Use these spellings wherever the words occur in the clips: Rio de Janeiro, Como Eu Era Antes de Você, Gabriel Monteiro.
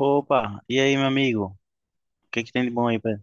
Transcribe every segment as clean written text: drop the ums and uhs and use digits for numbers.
Opa, e aí, meu amigo? O que que tem de bom aí, Pedro?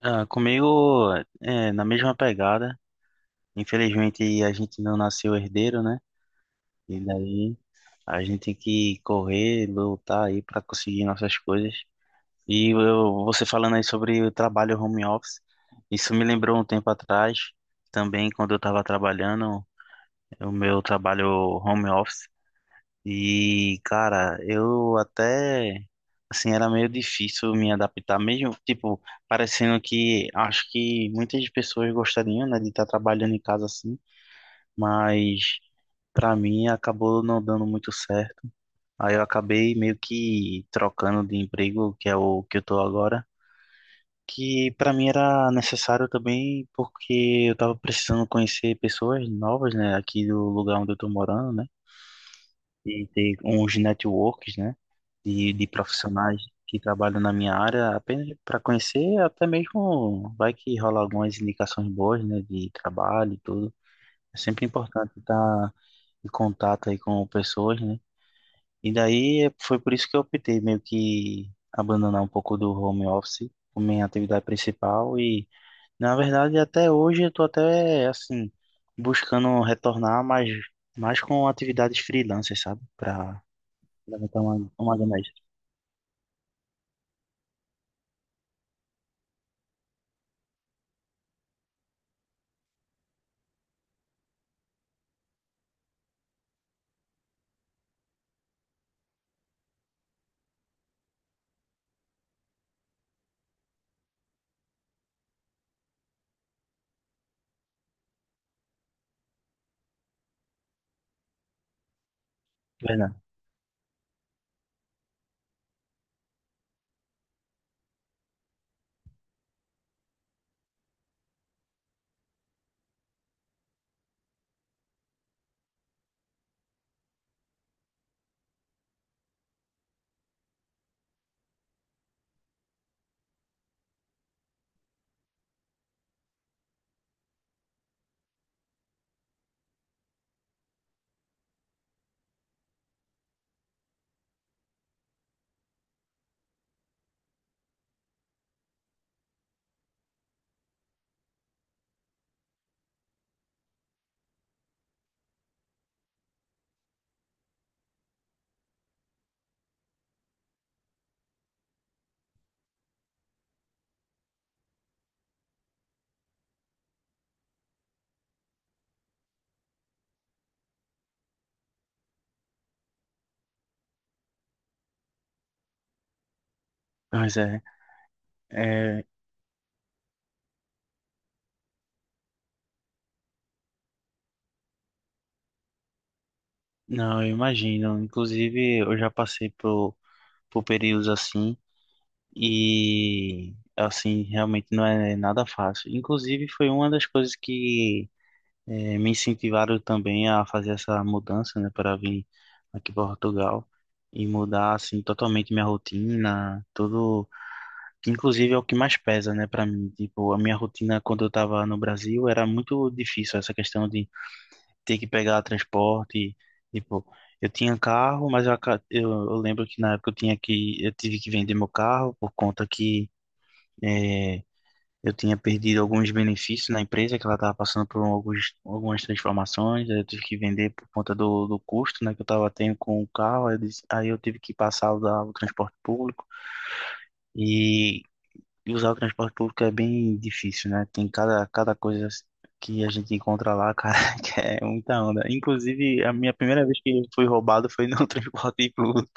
Ah, comigo, na mesma pegada. Infelizmente, a gente não nasceu herdeiro, né? E daí, a gente tem que correr, lutar aí para conseguir nossas coisas. E eu, você falando aí sobre o trabalho home office, isso me lembrou um tempo atrás, também quando eu estava trabalhando, o meu trabalho home office. E, cara, eu até, assim, era meio difícil me adaptar, mesmo, tipo, parecendo que acho que muitas pessoas gostariam, né, de estar trabalhando em casa assim, mas pra mim acabou não dando muito certo. Aí eu acabei meio que trocando de emprego, que é o que eu tô agora, que pra mim era necessário também, porque eu tava precisando conhecer pessoas novas, né, aqui do lugar onde eu tô morando, né, e ter uns networks, né, de profissionais que trabalham na minha área, apenas para conhecer, até mesmo vai que rola algumas indicações boas, né, de trabalho e tudo. É sempre importante estar em contato aí com pessoas, né? E daí foi por isso que eu optei meio que abandonar um pouco do home office como minha atividade principal e, na verdade, até hoje eu tô até, assim, buscando retornar, mas mais com atividades freelancers, sabe? Para levantar uma grana extra. Verdade. Pois é. É, não, eu imagino. Inclusive, eu já passei por períodos assim e, assim, realmente não é nada fácil. Inclusive, foi uma das coisas que me incentivaram também a fazer essa mudança, né, para vir aqui para Portugal e mudar, assim, totalmente minha rotina, tudo, que inclusive é o que mais pesa, né, para mim. Tipo, a minha rotina quando eu estava no Brasil era muito difícil, essa questão de ter que pegar transporte. Tipo, eu tinha carro, mas eu lembro que na época eu tive que vender meu carro por conta que eh, eu tinha perdido alguns benefícios na empresa, que ela estava passando por algumas transformações, aí eu tive que vender por conta do custo, né, que eu estava tendo com o carro, aí aí eu tive que passar a usar o transporte público. E e usar o transporte público é bem difícil, né? Tem cada coisa que a gente encontra lá, cara, que é muita onda. Inclusive, a minha primeira vez que fui roubado foi no transporte público.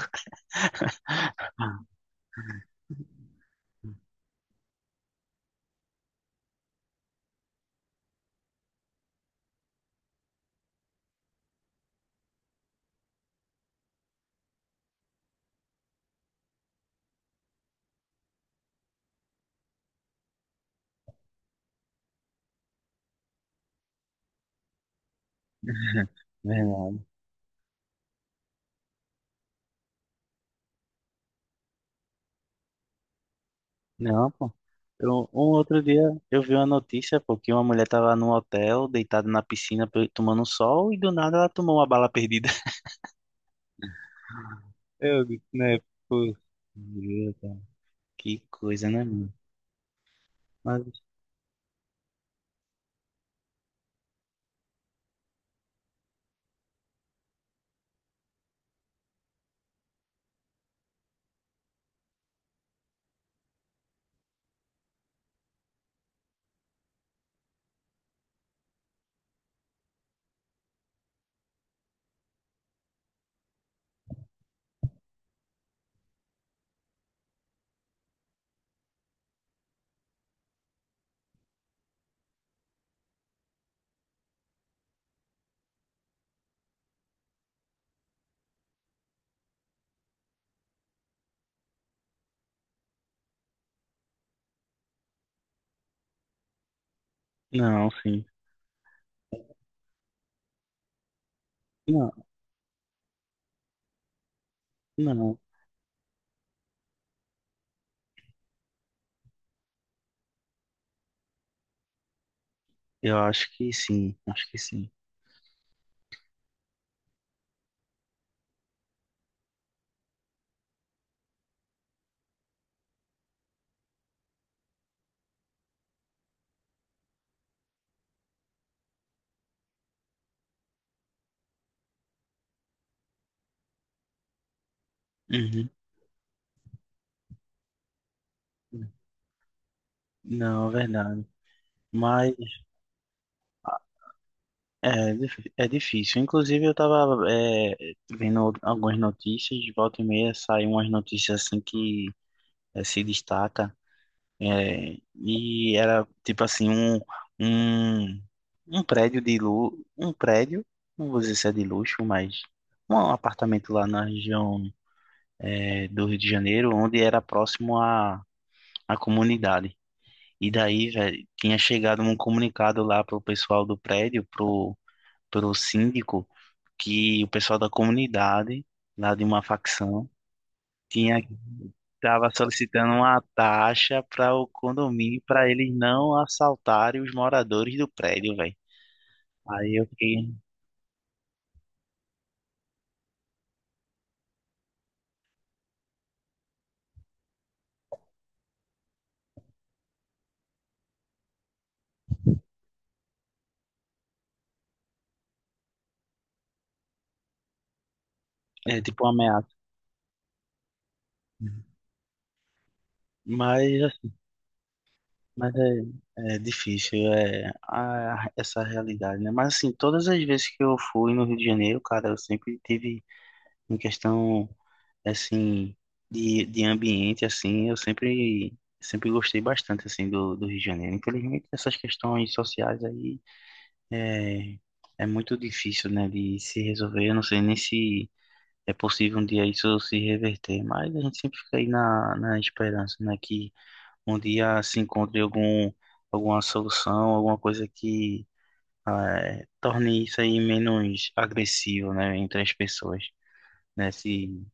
Verdade. Não, pô. Um outro dia eu vi uma notícia, pô, que uma mulher tava num hotel, deitada na piscina, tomando sol, e do nada ela tomou uma bala perdida. Eu disse, né? Pô, meu Deus, que coisa, né, mano? Mas, não, sim. Não, não. Eu acho que sim, acho que sim. Uhum. Não, é verdade. Mas é, é difícil. Inclusive, eu tava vendo algumas notícias, de volta e meia saem umas notícias assim que se destaca. É, e era tipo assim, um, um prédio de luxo, um prédio, não vou dizer se é de luxo, mas um apartamento lá na região do Rio de Janeiro, onde era próximo à comunidade. E daí, velho, tinha chegado um comunicado lá pro pessoal do prédio, pro síndico, que o pessoal da comunidade, lá de uma facção, tinha tava solicitando uma taxa para o condomínio para eles não assaltarem os moradores do prédio, velho. Aí eu fiquei, é tipo uma ameaça. Mas, mas é, essa realidade, né? Mas assim, todas as vezes que eu fui no Rio de Janeiro, cara, eu sempre tive em questão assim, de ambiente, assim, sempre gostei bastante, assim, do Rio de Janeiro. Infelizmente, essas questões sociais aí é, é muito difícil, né, de se resolver. Eu não sei nem se é possível um dia isso se reverter, mas a gente sempre fica aí na esperança, né, que um dia se encontre alguma solução, alguma coisa que torne isso aí menos agressivo, né, entre as pessoas. Né, se,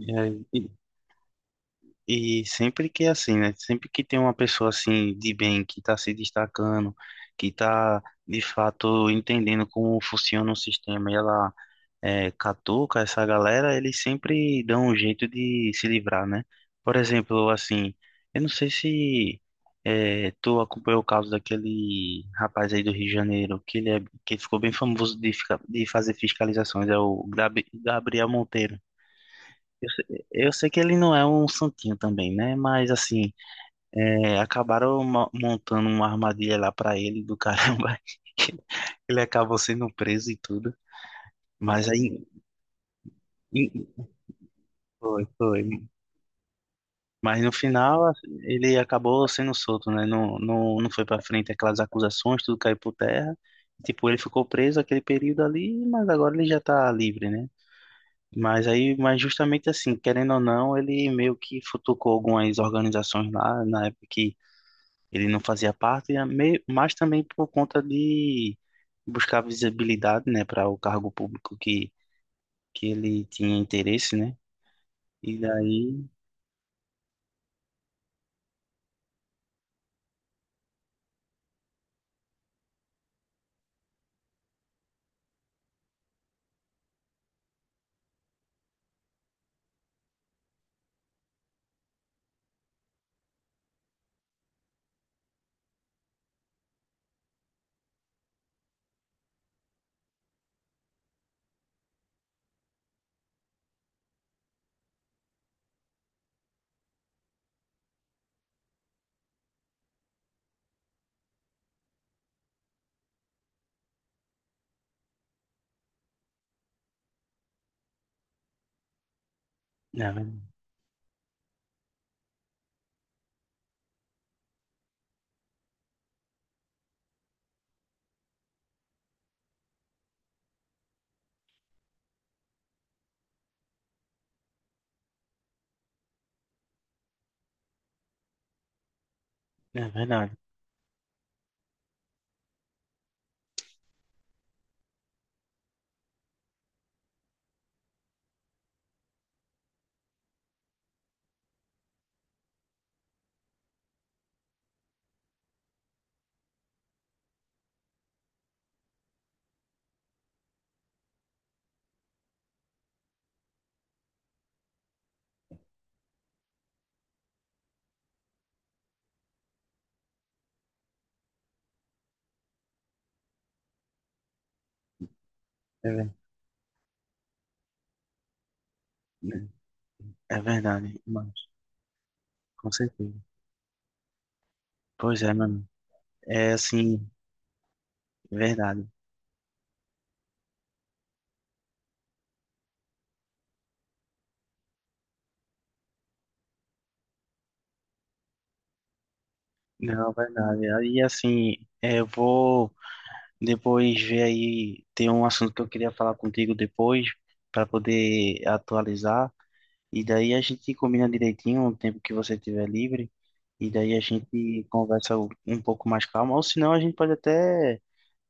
é, E sempre que é assim, né? Sempre que tem uma pessoa assim de bem que está se destacando, que está de fato entendendo como funciona o sistema e ela catuca essa galera, eles sempre dão um jeito de se livrar, né? Por exemplo, assim, eu não sei se tu acompanhou o caso daquele rapaz aí do Rio de Janeiro, que ele, é, que ficou bem famoso de, ficar de fazer fiscalizações, é o Gabriel Monteiro. Eu sei que ele não é um santinho também, né? Mas assim. É, acabaram montando uma armadilha lá pra ele do caramba. Ele acabou sendo preso e tudo. Mas aí. Em- Foi, foi. Mas no final assim, ele acabou sendo solto, né? Não foi pra frente aquelas acusações, tudo caiu por terra. Tipo, ele ficou preso aquele período ali, mas agora ele já tá livre, né? Mas aí, mas justamente assim, querendo ou não, ele meio que futucou algumas organizações lá na época que ele não fazia parte, e mas também por conta de buscar visibilidade, né, para o cargo público que ele tinha interesse, né? E daí, é ver- é verdade, é verdade, é verdade, mas com certeza. Pois é, mano, é assim, verdade. Não, é verdade. Aí, assim, é, eu vou depois ver aí, tem um assunto que eu queria falar contigo depois, para poder atualizar. E daí a gente combina direitinho o tempo que você tiver livre. E daí a gente conversa um pouco mais calmo. Ou senão a gente pode até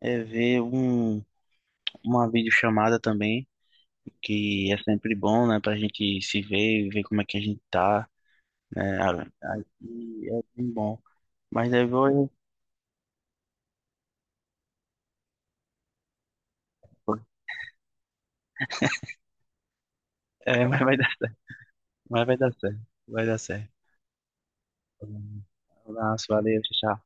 ver uma videochamada também, que é sempre bom, né? Pra gente se ver e ver como é que a gente tá, né? a- Aí é bem bom. Mas daí vou. É, mas vai dar certo. Vai dar certo. Um abraço, valeu, tchau. Tchau.